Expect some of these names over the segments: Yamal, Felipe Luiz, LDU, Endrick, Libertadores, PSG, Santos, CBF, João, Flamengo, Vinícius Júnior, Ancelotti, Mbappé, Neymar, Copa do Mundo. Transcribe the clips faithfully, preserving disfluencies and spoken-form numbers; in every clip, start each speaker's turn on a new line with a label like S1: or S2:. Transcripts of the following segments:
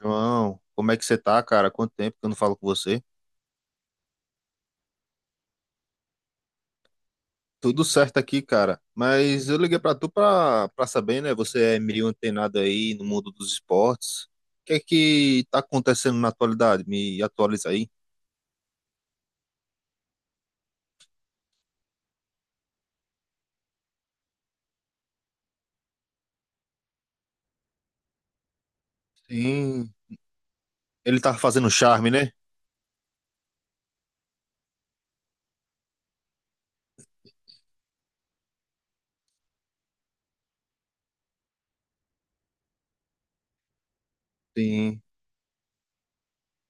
S1: João, como é que você tá, cara? Quanto tempo que eu não falo com você? Tudo certo aqui, cara. Mas eu liguei pra tu pra, pra saber, né? Você é meio antenado aí no mundo dos esportes. O que é que tá acontecendo na atualidade? Me atualiza aí. Sim, ele tá fazendo charme, né? Sim.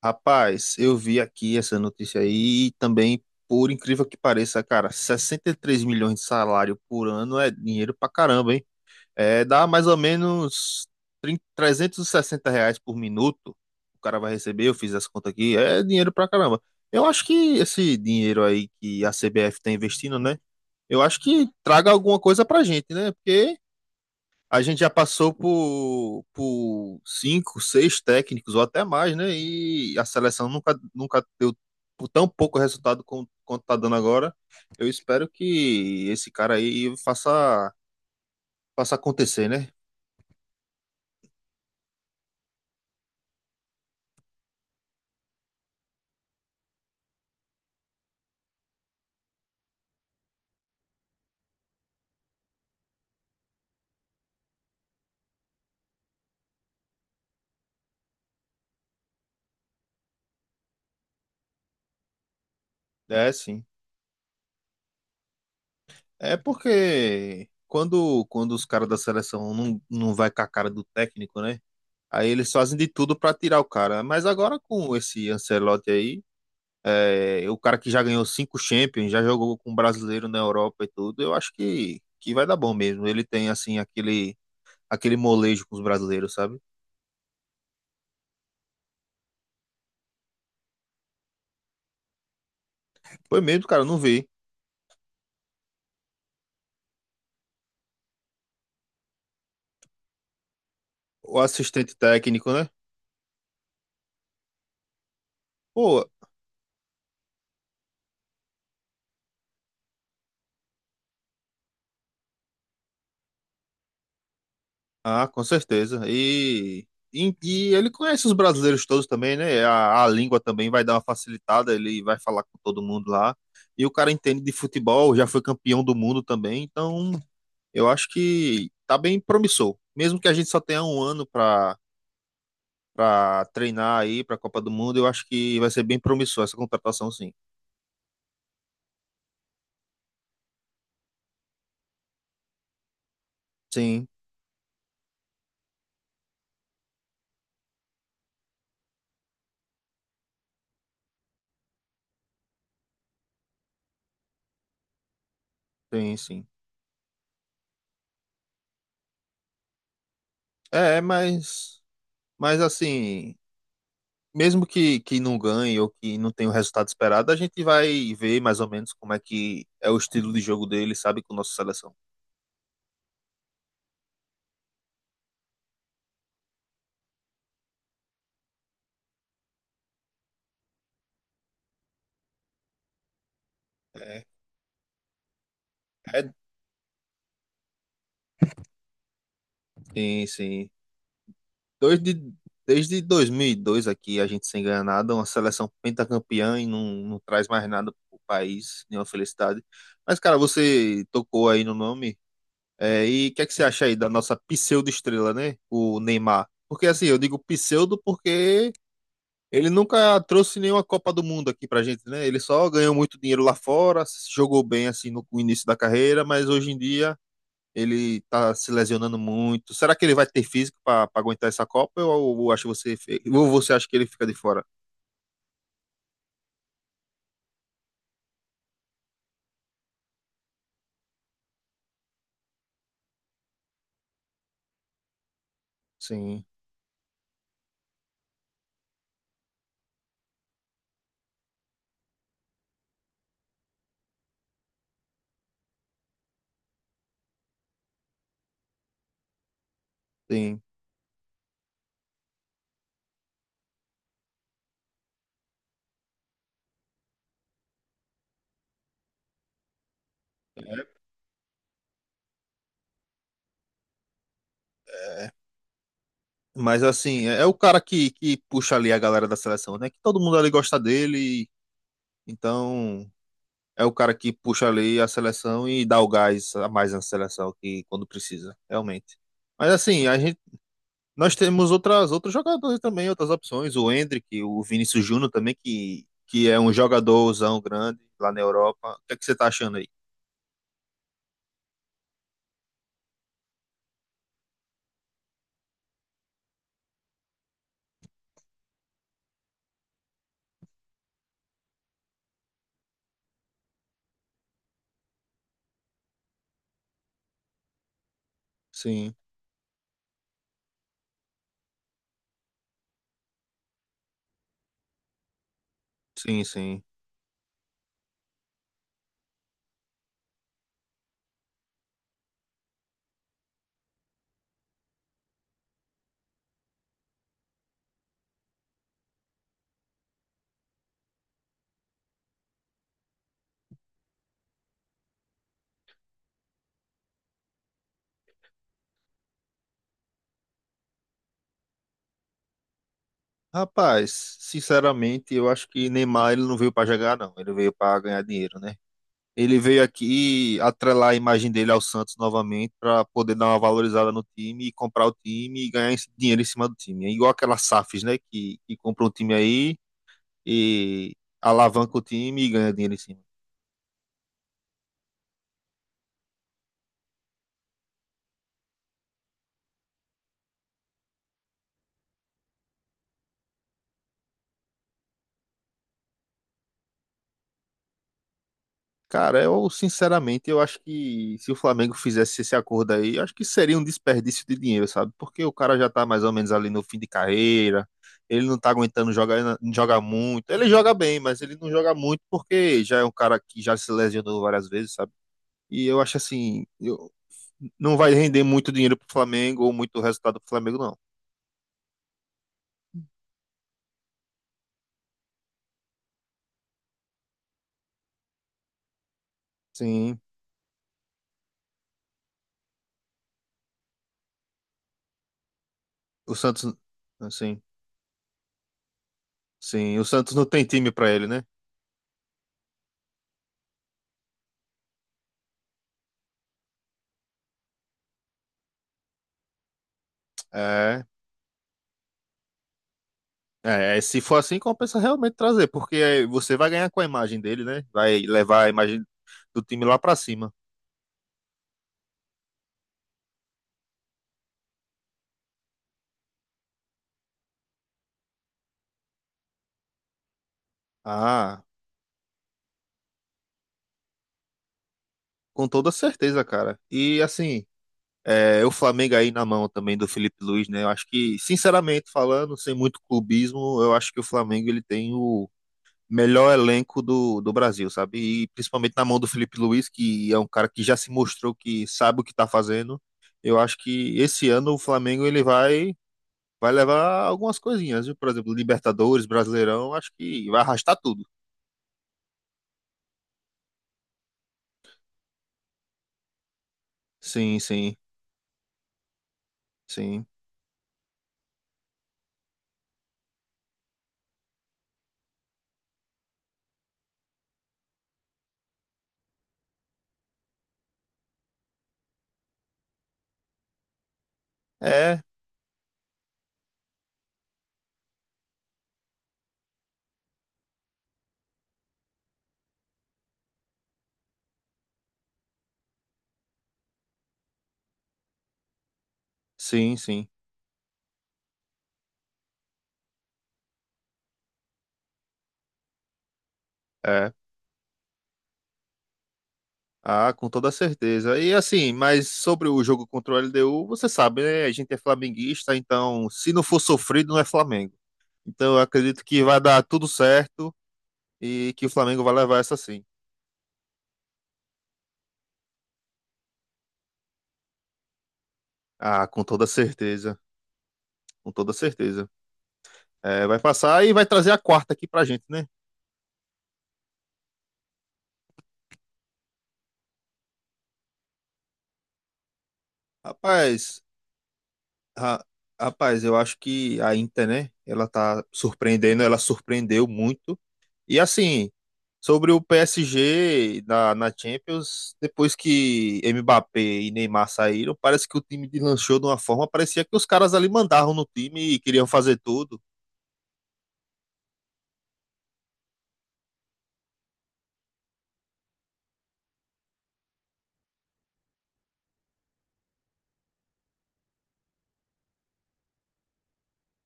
S1: Rapaz, eu vi aqui essa notícia aí e também, por incrível que pareça, cara, sessenta e três milhões de salário por ano é dinheiro pra caramba, hein? É, dá mais ou menos trinta trezentos e sessenta reais por minuto. O cara vai receber, eu fiz essa conta aqui. É dinheiro pra caramba. Eu acho que esse dinheiro aí que a C B F tá investindo, né? Eu acho que traga alguma coisa pra gente, né? Porque a gente já passou por, por cinco, seis técnicos ou até mais, né? E a seleção nunca, nunca deu tão pouco resultado com- quanto tá dando agora. Eu espero que esse cara aí faça, faça acontecer, né? É, sim. É porque quando, quando os caras da seleção não, não vai com a cara do técnico, né? Aí eles fazem de tudo pra tirar o cara. Mas agora com esse Ancelotti aí, é, o cara que já ganhou cinco Champions, já jogou com um brasileiro na Europa e tudo, eu acho que, que vai dar bom mesmo. Ele tem, assim, aquele, aquele molejo com os brasileiros, sabe? Foi mesmo, cara, eu não vi. O assistente técnico, né? Pô, ah, com certeza. E, e, e ele conhece os brasileiros todos também, né? A, a língua também vai dar uma facilitada, ele vai falar com todo mundo lá. E o cara entende de futebol, já foi campeão do mundo também, então eu acho que tá bem promissor. Mesmo que a gente só tenha um ano para para treinar aí para a Copa do Mundo, eu acho que vai ser bem promissor essa contratação, sim. Sim, sim, sim. É, mas mas assim, mesmo que, que não ganhe ou que não tenha o resultado esperado, a gente vai ver mais ou menos como é que é o estilo de jogo dele, sabe, com a nossa seleção. É, é- Sim, sim. Desde, Desde dois mil e dois aqui, a gente sem ganhar nada, uma seleção pentacampeã e não, não traz mais nada pro país, nenhuma felicidade. Mas, cara, você tocou aí no nome, é, e o que é que você acha aí da nossa pseudo-estrela, né? O Neymar. Porque, assim, eu digo pseudo porque ele nunca trouxe nenhuma Copa do Mundo aqui pra gente, né? Ele só ganhou muito dinheiro lá fora, se jogou bem assim no início da carreira, mas hoje em dia ele tá se lesionando muito. Será que ele vai ter físico pra pra aguentar essa Copa? Ou, ou acho você fe- ou você acha que ele fica de fora? Sim, sim. Mas assim, é é o cara que, que puxa ali a galera da seleção, né? Que todo mundo ali gosta dele, então é o cara que puxa ali a seleção e dá o gás a mais na seleção que quando precisa, realmente. Mas assim, a gente nós temos outras, outros jogadores também, outras opções. O Endrick, o Vinícius Júnior também, que, que é um jogadorzão grande lá na Europa. O que é que você tá achando aí? Sim, sim, sim. Rapaz, sinceramente, eu acho que Neymar ele não veio para jogar, não. Ele veio para ganhar dinheiro, né? Ele veio aqui atrelar a imagem dele ao Santos novamente para poder dar uma valorizada no time e comprar o time e ganhar esse dinheiro em cima do time. É igual aquelas SAFs, né? Que, que compra um time aí e alavanca o time e ganha dinheiro em cima. Cara, eu sinceramente eu acho que se o Flamengo fizesse esse acordo aí, eu acho que seria um desperdício de dinheiro, sabe? Porque o cara já tá mais ou menos ali no fim de carreira, ele não tá aguentando jogar, jogar muito. Ele joga bem, mas ele não joga muito porque já é um cara que já se lesionou várias vezes, sabe? E eu acho assim, eu, não vai render muito dinheiro pro Flamengo ou muito resultado pro Flamengo, não. Sim, o Santos, assim, sim, o Santos não tem time pra ele, né? É. É, é, se for assim, compensa realmente trazer, porque é, você vai ganhar com a imagem dele, né? Vai levar a imagem do time lá pra cima. Ah, com toda certeza, cara. E assim, é, o Flamengo aí na mão também do Felipe Luiz, né? Eu acho que, sinceramente falando, sem muito clubismo, eu acho que o Flamengo ele tem o melhor elenco do, do Brasil, sabe? E principalmente na mão do Felipe Luiz, que é um cara que já se mostrou que sabe o que tá fazendo. Eu acho que esse ano o Flamengo ele vai vai levar algumas coisinhas, viu? Por exemplo, Libertadores, Brasileirão, acho que vai arrastar tudo. Sim, sim, sim. É, sim, sim. É. Ah, com toda certeza. E assim, mas sobre o jogo contra o L D U, você sabe, né? A gente é flamenguista, então se não for sofrido, não é Flamengo. Então eu acredito que vai dar tudo certo e que o Flamengo vai levar essa sim. Ah, com toda certeza, com toda certeza. É, vai passar e vai trazer a quarta aqui pra gente, né? Rapaz, Ra- Rapaz, eu acho que a Inter, né? Ela tá surpreendendo, ela surpreendeu muito. E assim, sobre o P S G na, na Champions, depois que Mbappé e Neymar saíram, parece que o time deslanchou de uma forma, parecia que os caras ali mandavam no time e queriam fazer tudo.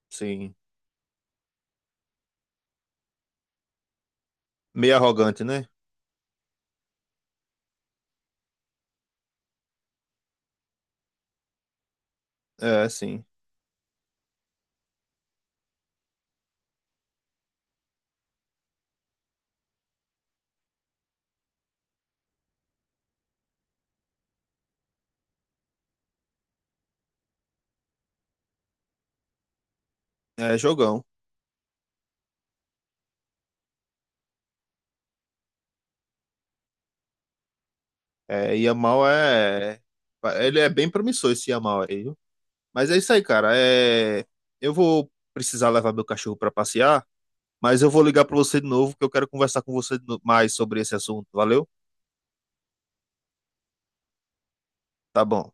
S1: Sim, meio arrogante, né? É, sim. É jogão. É, Yamal é. Ele é bem promissor esse Yamal aí, viu? Mas é isso aí, cara. É... Eu vou precisar levar meu cachorro pra passear. Mas eu vou ligar para você de novo, que eu quero conversar com você mais sobre esse assunto. Valeu? Tá bom.